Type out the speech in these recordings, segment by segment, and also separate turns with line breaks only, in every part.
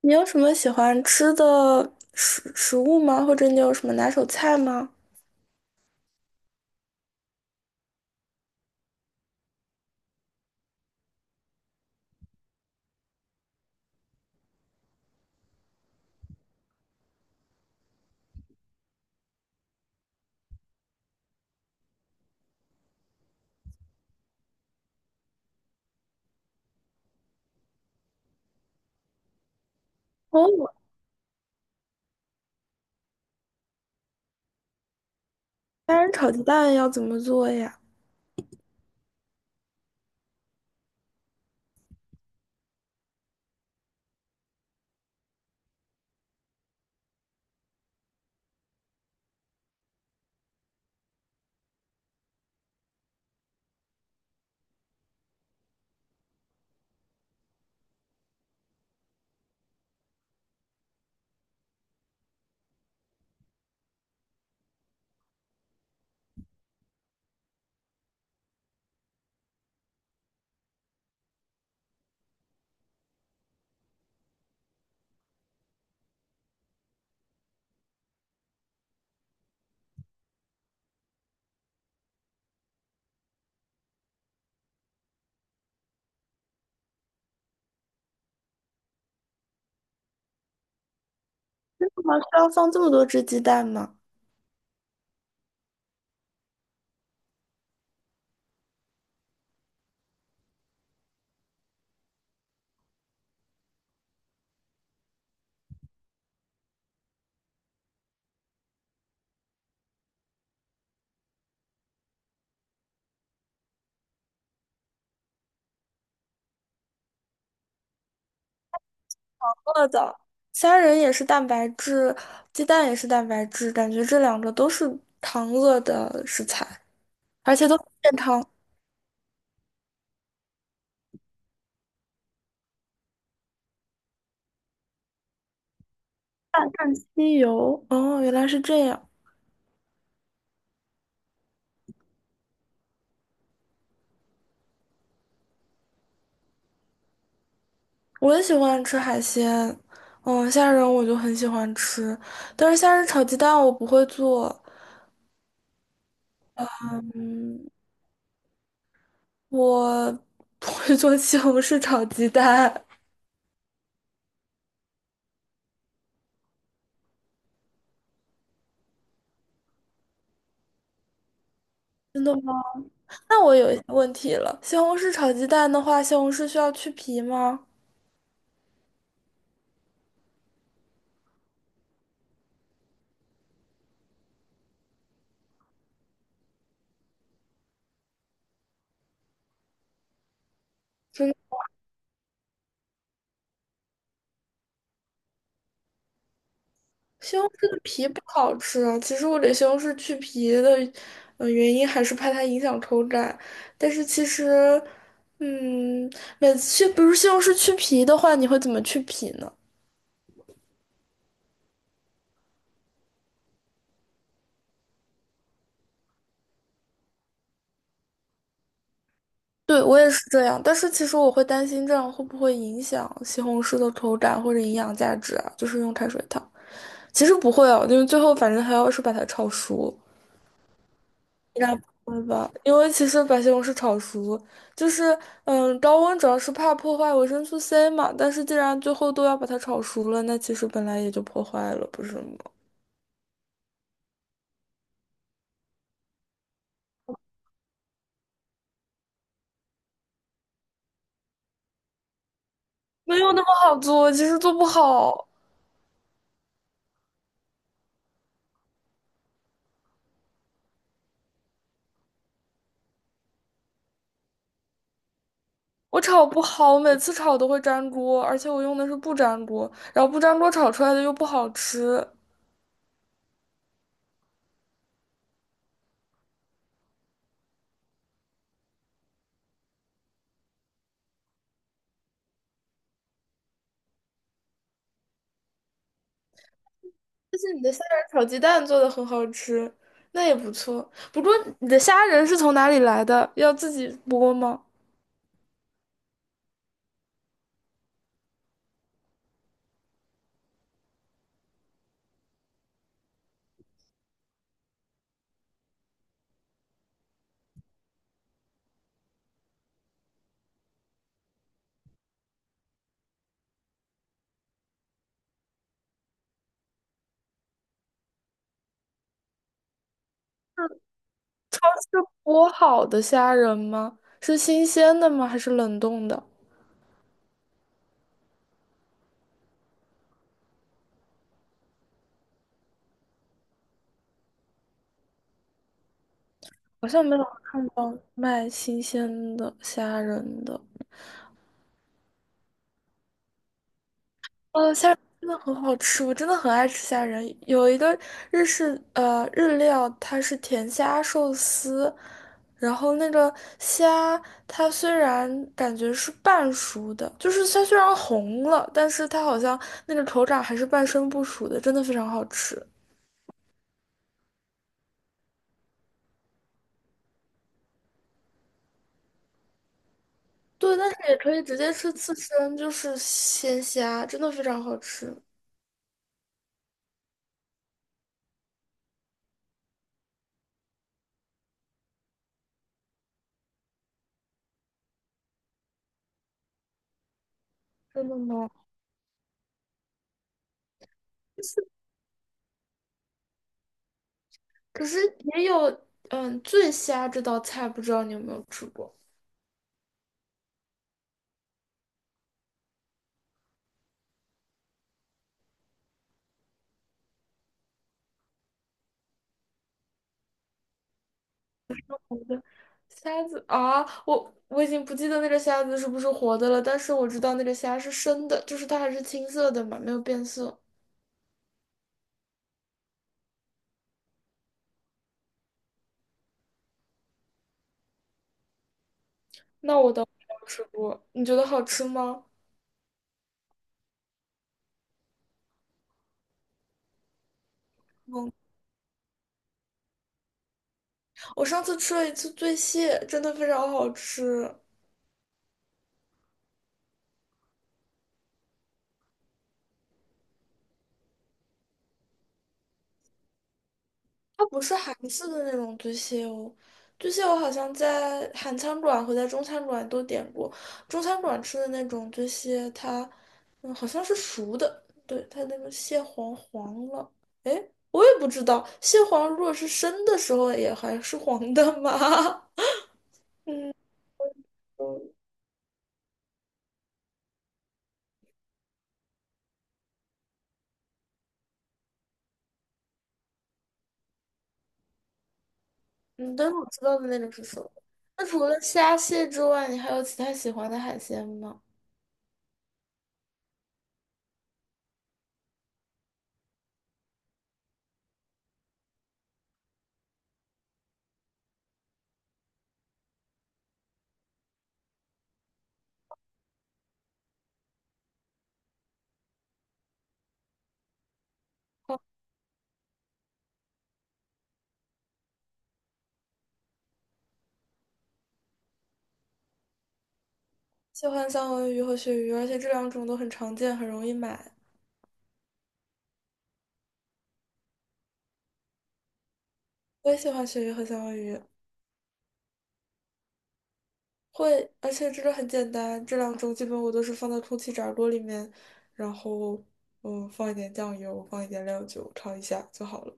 你有什么喜欢吃的食物吗？或者你有什么拿手菜吗？哦，虾仁炒鸡蛋要怎么做呀？为什么需要放这么多只鸡蛋吗？饿的，虾仁也是蛋白质，鸡蛋也是蛋白质，感觉这两个都是糖饿的食材，而且都很健康。鸡油，哦，原来是这样。我也喜欢吃海鲜，嗯，虾仁我就很喜欢吃，但是虾仁炒鸡蛋我不会做。嗯。我不会做西红柿炒鸡蛋。那我有一些问题了，西红柿炒鸡蛋的话，西红柿需要去皮吗？真的，西红柿的皮不好吃啊。其实我给西红柿去皮的，原因还是怕它影响口感。但是其实，嗯，每次去，比如西红柿去皮的话，你会怎么去皮呢？对，我也是这样，但是其实我会担心这样会不会影响西红柿的口感或者营养价值啊？就是用开水烫，其实不会哦，因为最后反正还要是把它炒熟，应该不会吧？因为其实把西红柿炒熟，就是嗯，高温主要是怕破坏维生素 C 嘛，但是既然最后都要把它炒熟了，那其实本来也就破坏了，不是吗？没有那么好做，其实做不好。我炒不好，我每次炒都会粘锅，而且我用的是不粘锅，然后不粘锅炒出来的又不好吃。但是你的虾仁炒鸡蛋做的很好吃，那也不错。不过你的虾仁是从哪里来的？要自己剥吗？是剥好的虾仁吗？是新鲜的吗？还是冷冻的？好像没有看到卖新鲜的虾仁的。哦，虾仁真的很好吃，我真的很爱吃虾仁。有一个日式日料，它是甜虾寿司，然后那个虾它虽然感觉是半熟的，就是它虽然红了，但是它好像那个口感还是半生不熟的，真的非常好吃。对，但是也可以直接吃刺身，就是鲜虾，真的非常好吃。真的吗？可是也有嗯醉虾这道菜，不知道你有没有吃过？好的，虾子啊，我已经不记得那个虾子是不是活的了，但是我知道那个虾是生的，就是它还是青色的嘛，没有变色。那我倒没有吃过，你觉得好吃吗？嗯，我上次吃了一次醉蟹，真的非常好吃。不是韩式的那种醉蟹哦，醉蟹我好像在韩餐馆和在中餐馆都点过，中餐馆吃的那种醉蟹，它嗯好像是熟的，对，它那个蟹黄黄了，诶，我也不知道，蟹黄如果是生的时候也还是黄的吗？嗯，但是我知道的那种是熟的。那除了虾蟹之外，你还有其他喜欢的海鲜吗？喜欢三文鱼和鳕鱼，而且这两种都很常见，很容易买。我也喜欢鳕鱼和三文鱼，会，而且这个很简单，这两种基本我都是放到空气炸锅里面，然后嗯放一点酱油，放一点料酒炒一下就好了。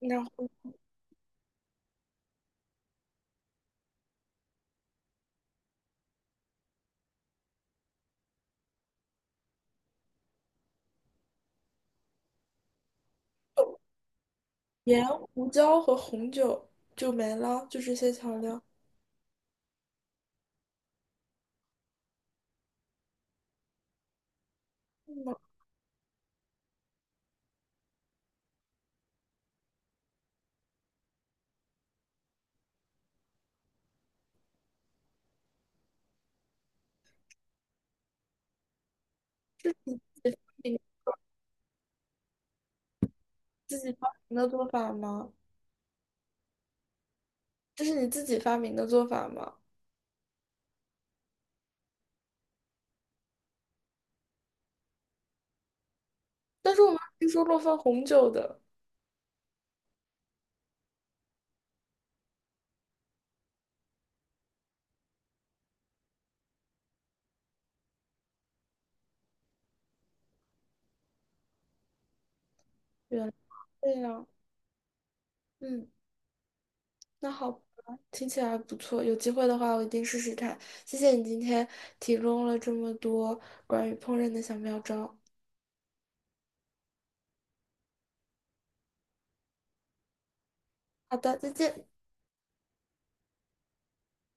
然后盐、胡椒和红酒就没了，就这些调料。嗯，这是你自己发明的做法吗？这是你自己发明的做法吗？但是我们听说过放红酒的，原来这样。嗯。那好吧，听起来不错。有机会的话，我一定试试看。谢谢你今天提供了这么多关于烹饪的小妙招。好的，再见。